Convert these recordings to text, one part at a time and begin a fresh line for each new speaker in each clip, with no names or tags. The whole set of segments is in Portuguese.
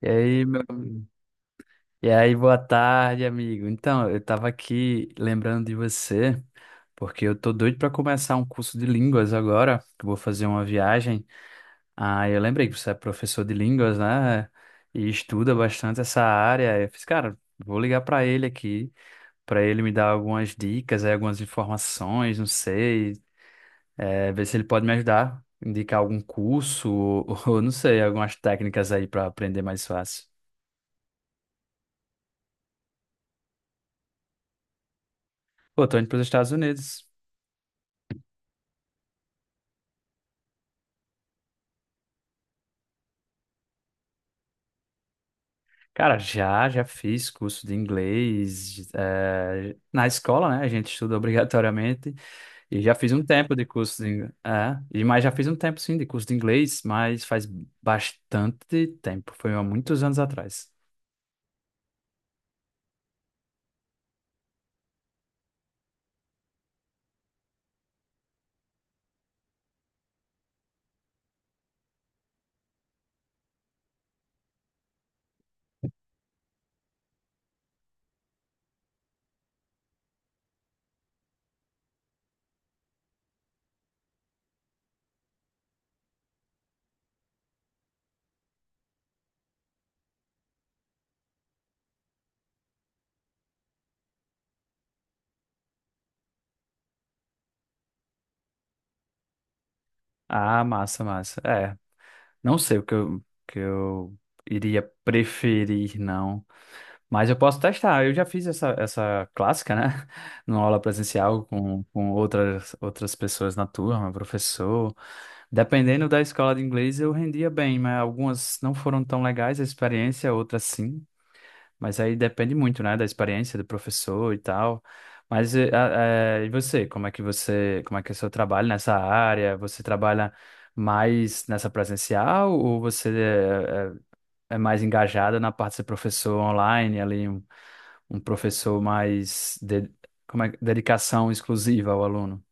E aí, meu... E aí, boa tarde, amigo. Então, eu tava aqui lembrando de você, porque eu tô doido para começar um curso de línguas agora, que eu vou fazer uma viagem. Ah, eu lembrei que você é professor de línguas, né? E estuda bastante essa área. Eu fiz, cara, vou ligar para ele aqui, para ele me dar algumas dicas, aí, algumas informações, não sei, é, ver se ele pode me ajudar, indicar algum curso ou, ou não sei, algumas técnicas aí para aprender mais fácil. Pô, tô indo para os Estados Unidos. Cara, já fiz curso de inglês, na escola, né? A gente estuda obrigatoriamente e já fiz um tempo de curso de, mas já fiz um tempo sim de curso de inglês, mas faz bastante tempo, foi há muitos anos atrás. Ah, massa, massa. É, não sei o que eu iria preferir, não, mas eu posso testar. Eu já fiz essa, essa clássica, né? Numa aula presencial com outras, outras pessoas na turma, professor. Dependendo da escola de inglês, eu rendia bem, mas algumas não foram tão legais a experiência, outras sim. Mas aí depende muito, né, da experiência do professor e tal. Mas e você, como é que você, como é que é o seu trabalho nessa área? Você trabalha mais nessa presencial ou você mais engajada na parte de ser professor online, ali um, um professor mais de, como é, dedicação exclusiva ao aluno?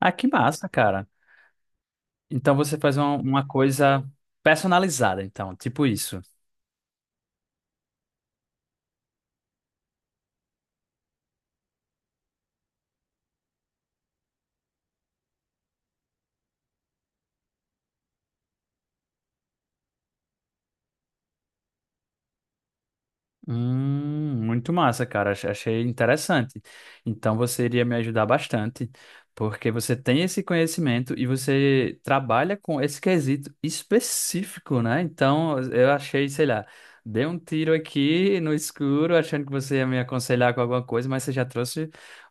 Ah, que massa, cara. Então você faz uma coisa personalizada, então, tipo isso. Muito massa, cara. Achei interessante. Então você iria me ajudar bastante, porque você tem esse conhecimento e você trabalha com esse quesito específico, né? Então eu achei, sei lá, dei um tiro aqui no escuro, achando que você ia me aconselhar com alguma coisa, mas você já trouxe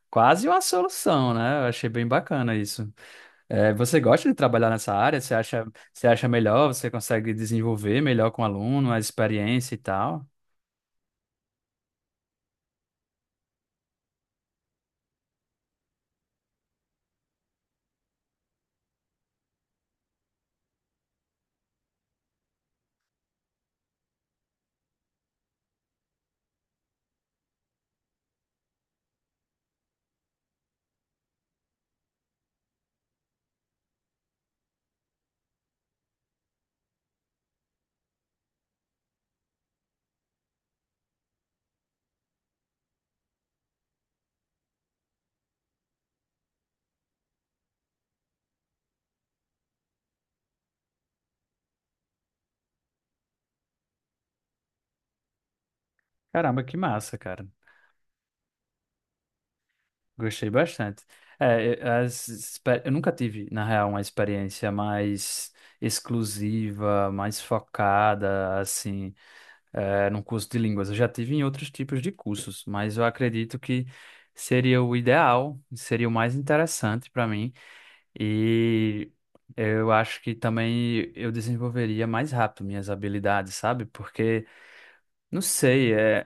quase uma solução, né? Eu achei bem bacana isso. É, você gosta de trabalhar nessa área? Você acha melhor? Você consegue desenvolver melhor com o aluno, a experiência e tal? Caramba, que massa, cara. Gostei bastante. Eu nunca tive, na real, uma experiência mais exclusiva, mais focada, assim, é, num curso de línguas. Eu já tive em outros tipos de cursos, mas eu acredito que seria o ideal, seria o mais interessante para mim. E eu acho que também eu desenvolveria mais rápido minhas habilidades, sabe? Porque, não sei, é...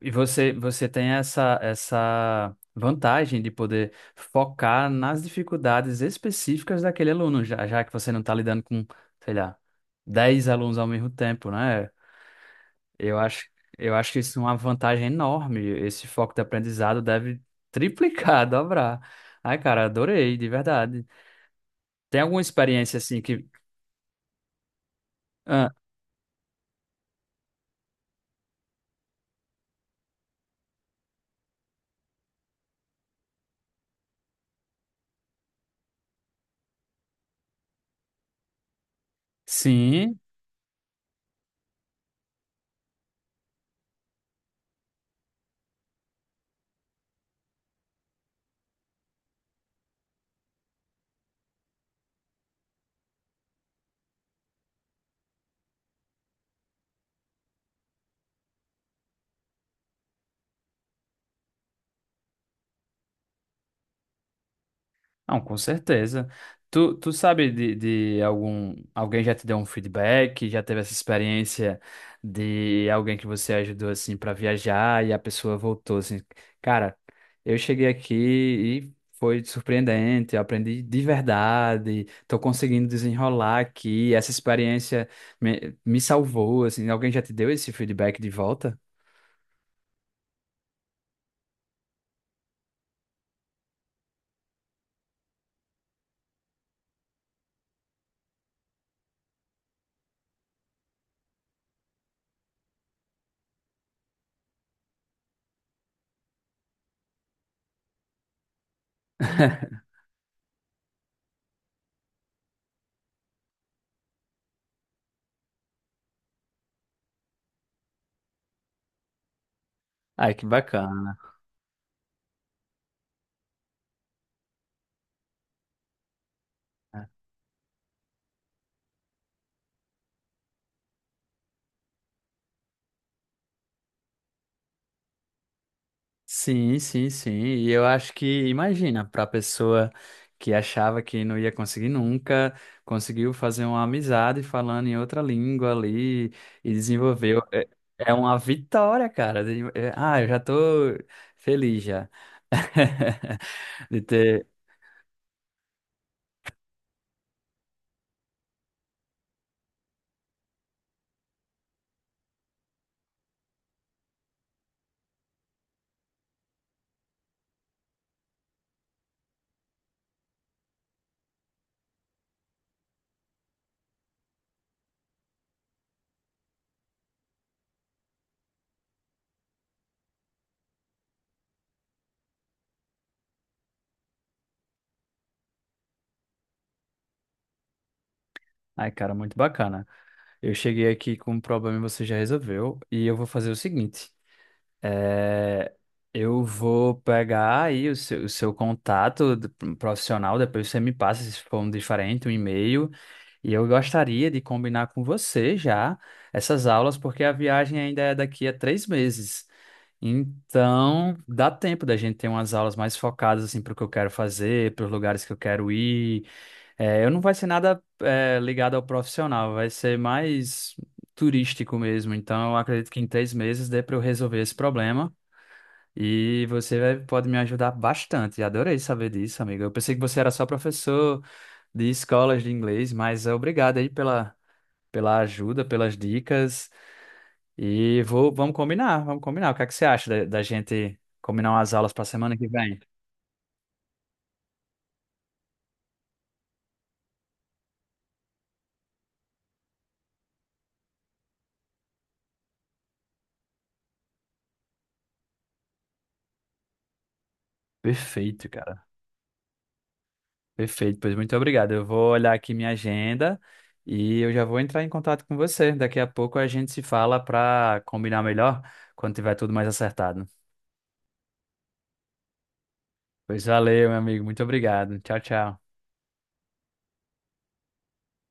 e você, você tem essa, essa vantagem de poder focar nas dificuldades específicas daquele aluno, já que você não está lidando com, sei lá, 10 alunos ao mesmo tempo, né? Eu acho, eu acho que isso é uma vantagem enorme. Esse foco de aprendizado deve triplicar, dobrar. Ai, cara, adorei, de verdade. Tem alguma experiência assim que. Ah, sim. Não, com certeza. Tu, tu sabe de algum, alguém já te deu um feedback, já teve essa experiência de alguém que você ajudou assim para viajar e a pessoa voltou assim, cara, eu cheguei aqui e foi surpreendente, eu aprendi de verdade, tô conseguindo desenrolar aqui, essa experiência me, me salvou, assim, alguém já te deu esse feedback de volta? Ai, que bacana. Sim, sim, sim. E eu acho que, imagina, para a pessoa que achava que não ia conseguir nunca, conseguiu fazer uma amizade falando em outra língua ali e desenvolveu. É, é uma vitória, cara. De- é, ah, eu já tô feliz já. De ter. Ai, cara, muito bacana. Eu cheguei aqui com um problema e você já resolveu. E eu vou fazer o seguinte. É, eu vou pegar aí o seu contato do- profissional, depois você me passa, se for um diferente, um e-mail. E eu gostaria de combinar com você já essas aulas, porque a viagem ainda é daqui a 3 meses. Então, dá tempo da gente ter umas aulas mais focadas assim para o que eu quero fazer, para os lugares que eu quero ir, é, eu não vai ser nada é, ligado ao profissional, vai ser mais turístico mesmo. Então, eu acredito que em 3 meses dê para eu resolver esse problema. E você vai- pode me ajudar bastante. Adorei saber disso, amigo. Eu pensei que você era só professor de escolas de inglês, mas é, obrigado aí pela, pela ajuda, pelas dicas. E vou, vamos combinar, vamos combinar. O que é que você acha da, da gente combinar umas aulas para semana que vem? Perfeito, cara. Perfeito, pois muito obrigado. Eu vou olhar aqui minha agenda e eu já vou entrar em contato com você. Daqui a pouco a gente se fala para combinar melhor quando tiver tudo mais acertado. Pois valeu, meu amigo. Muito obrigado. Tchau, tchau.